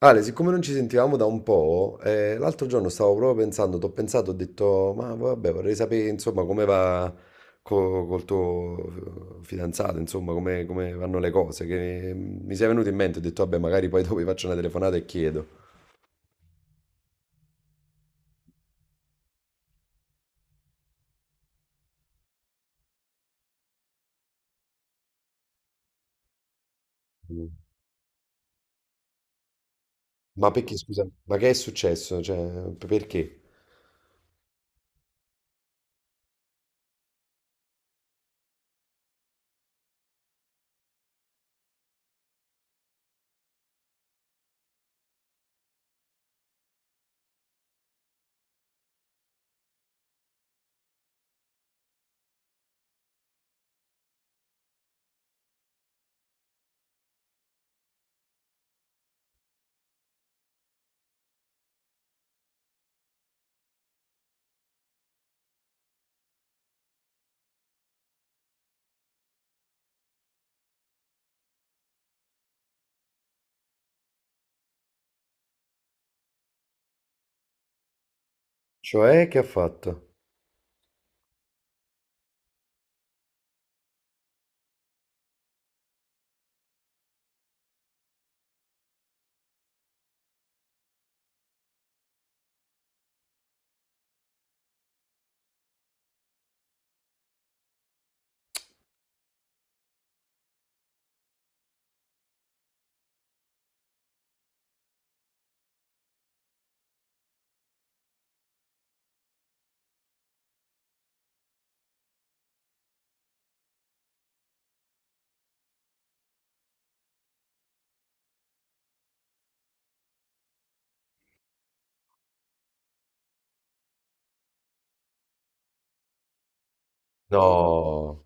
Ale, siccome non ci sentivamo da un po', l'altro giorno stavo proprio pensando, t'ho pensato, ho detto, ma vabbè, vorrei sapere, insomma, come va col tuo fidanzato, insomma, come vanno le cose, che mi sei venuto in mente, ho detto, vabbè, magari poi dopo gli faccio una telefonata e chiedo. Mm. Ma perché, scusa, ma che è successo? Cioè, perché? Cioè, che ha fatto? No.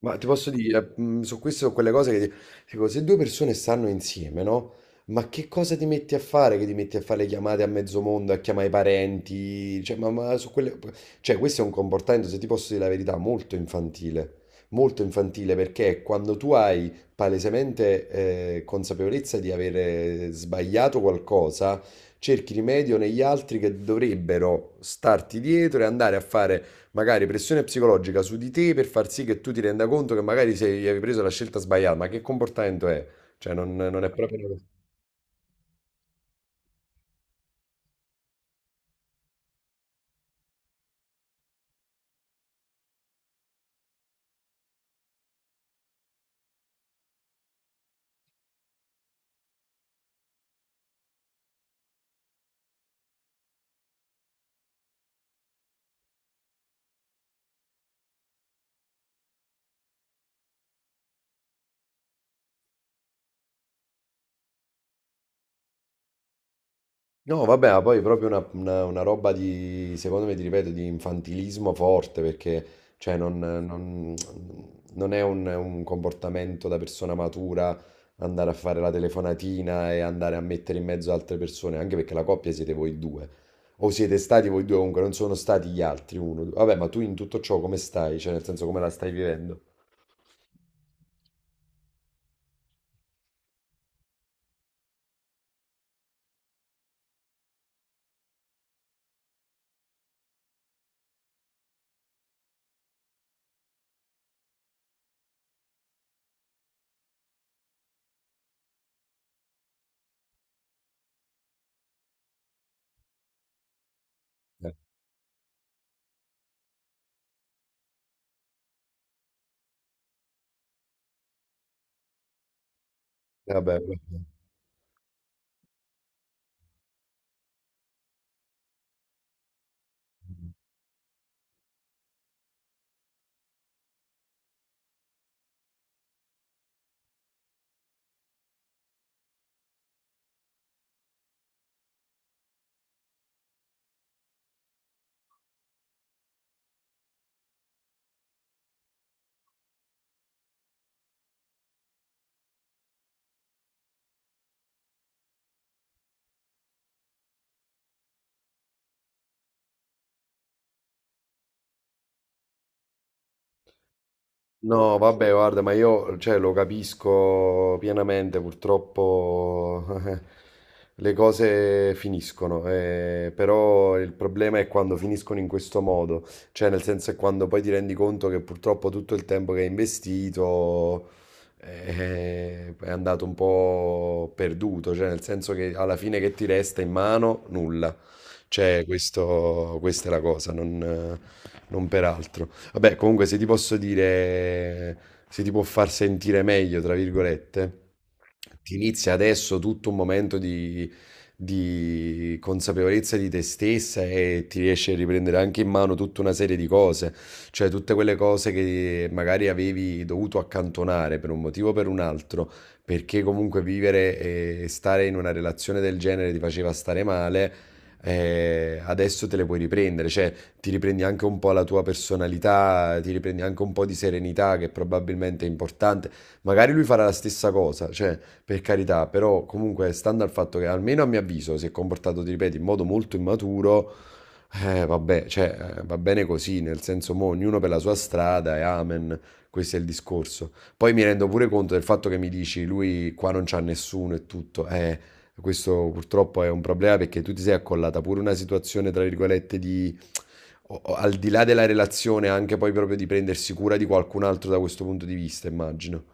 Ma ti posso dire, mm, su queste sono quelle cose che dico, se due persone stanno insieme, no? Ma che cosa ti metti a fare? Che ti metti a fare le chiamate a mezzo mondo, a chiamare i parenti? Cioè, ma su quelle, cioè, questo è un comportamento, se ti posso dire la verità, molto infantile. Molto infantile perché quando tu hai palesemente consapevolezza di avere sbagliato qualcosa, cerchi rimedio negli altri che dovrebbero starti dietro e andare a fare magari pressione psicologica su di te per far sì che tu ti renda conto che magari sei, avevi preso la scelta sbagliata, ma che comportamento è? Cioè, non è proprio. No, vabbè, ma poi proprio una roba di, secondo me, ti ripeto, di infantilismo forte, perché cioè, non è un comportamento da persona matura, andare a fare la telefonatina e andare a mettere in mezzo altre persone, anche perché la coppia siete voi due, o siete stati voi due, comunque non sono stati gli altri uno. Vabbè, ma tu in tutto ciò come stai? Cioè, nel senso, come la stai vivendo? Eh, vabbè. No, vabbè, guarda, ma io, cioè, lo capisco pienamente, purtroppo le cose finiscono, però il problema è quando finiscono in questo modo, cioè nel senso è quando poi ti rendi conto che purtroppo tutto il tempo che hai investito è andato un po' perduto, cioè nel senso che alla fine che ti resta in mano nulla. C'è questo, questa è la cosa, non peraltro. Vabbè, comunque se ti posso dire, se ti può far sentire meglio, tra virgolette, ti inizia adesso tutto un momento di consapevolezza di te stessa e ti riesci a riprendere anche in mano tutta una serie di cose, cioè tutte quelle cose che magari avevi dovuto accantonare per un motivo o per un altro, perché comunque vivere e stare in una relazione del genere ti faceva stare male. Adesso te le puoi riprendere, cioè ti riprendi anche un po' la tua personalità, ti riprendi anche un po' di serenità che probabilmente è importante. Magari lui farà la stessa cosa, cioè per carità, però comunque stando al fatto che almeno a mio avviso si è comportato, ti ripeto, in modo molto immaturo, vabbè, cioè, va bene così, nel senso, mo, ognuno per la sua strada e amen, questo è il discorso. Poi mi rendo pure conto del fatto che mi dici, lui qua non c'ha nessuno e tutto, questo purtroppo è un problema perché tu ti sei accollata pure una situazione, tra virgolette, di, o al di là della relazione, anche poi proprio di prendersi cura di qualcun altro da questo punto di vista, immagino.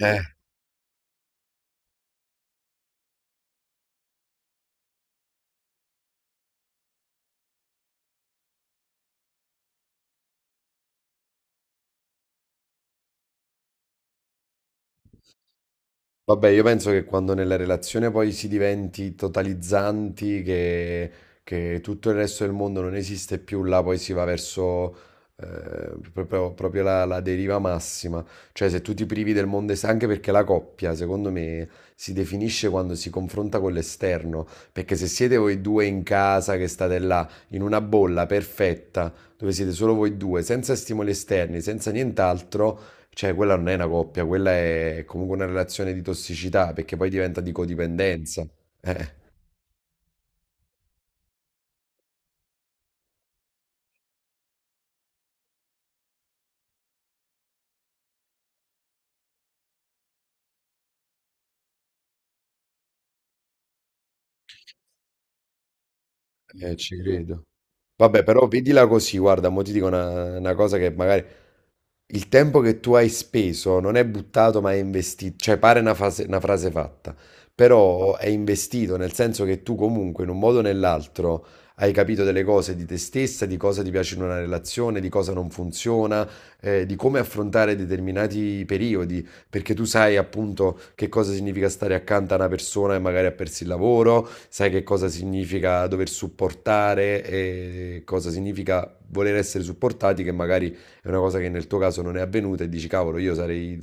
Eh, Vabbè, io penso che quando nella relazione poi si diventi totalizzanti, che tutto il resto del mondo non esiste più, là poi si va verso proprio, proprio la deriva massima. Cioè, se tu ti privi del mondo esterno, anche perché la coppia, secondo me, si definisce quando si confronta con l'esterno. Perché se siete voi due in casa, che state là, in una bolla perfetta, dove siete solo voi due, senza stimoli esterni, senza nient'altro, cioè, quella non è una coppia, quella è comunque una relazione di tossicità, perché poi diventa di codipendenza. Eh, Ci credo. Vabbè, però vedila così, guarda, mo ti dico una cosa che magari il tempo che tu hai speso non è buttato, ma è investito. Cioè, pare una frase fatta, però è investito, nel senso che tu comunque, in un modo o nell'altro, hai capito delle cose di te stessa, di cosa ti piace in una relazione, di cosa non funziona, di come affrontare determinati periodi, perché tu sai appunto che cosa significa stare accanto a una persona che magari ha perso il lavoro, sai che cosa significa dover supportare e cosa significa voler essere supportati, che magari è una cosa che nel tuo caso non è avvenuta e dici cavolo, io sarei,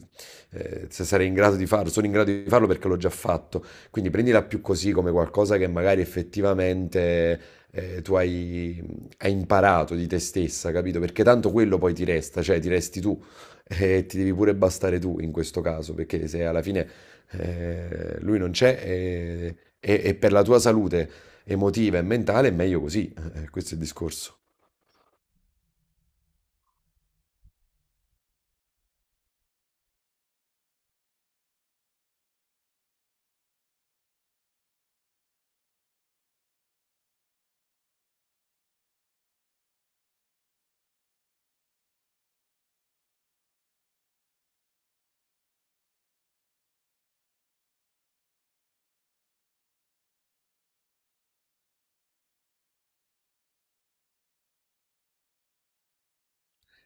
se sarei in grado di farlo, sono in grado di farlo perché l'ho già fatto. Quindi prendila più così, come qualcosa che magari effettivamente tu hai, hai imparato di te stessa, capito? Perché tanto quello poi ti resta, cioè ti resti tu e ti devi pure bastare tu in questo caso, perché se alla fine lui non c'è e per la tua salute emotiva e mentale è meglio così. Questo è il discorso.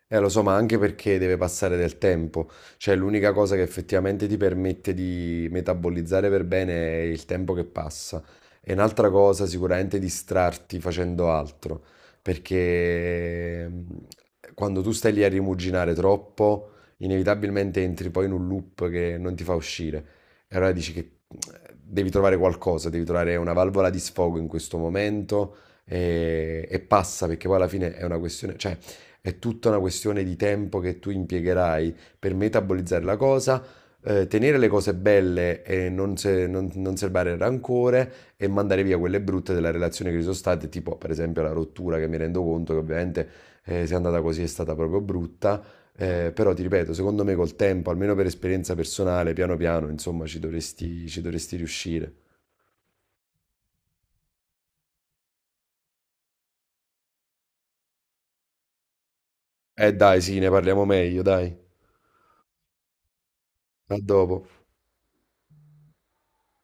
Lo so, ma anche perché deve passare del tempo, cioè l'unica cosa che effettivamente ti permette di metabolizzare per bene è il tempo che passa. E un'altra cosa sicuramente è distrarti facendo altro, perché mm, quando tu stai lì a rimuginare troppo, inevitabilmente entri poi in un loop che non ti fa uscire. E allora dici che devi trovare qualcosa, devi trovare una valvola di sfogo in questo momento e passa, perché poi alla fine è una questione, cioè è tutta una questione di tempo che tu impiegherai per metabolizzare la cosa, tenere le cose belle e non, se- non, non serbare il rancore e mandare via quelle brutte della relazione che ci sono state, tipo per esempio la rottura che mi rendo conto che ovviamente se è andata così è stata proprio brutta, però ti ripeto, secondo me col tempo, almeno per esperienza personale, piano piano, insomma, ci dovresti riuscire. Dai, sì, ne parliamo meglio, dai. A dopo.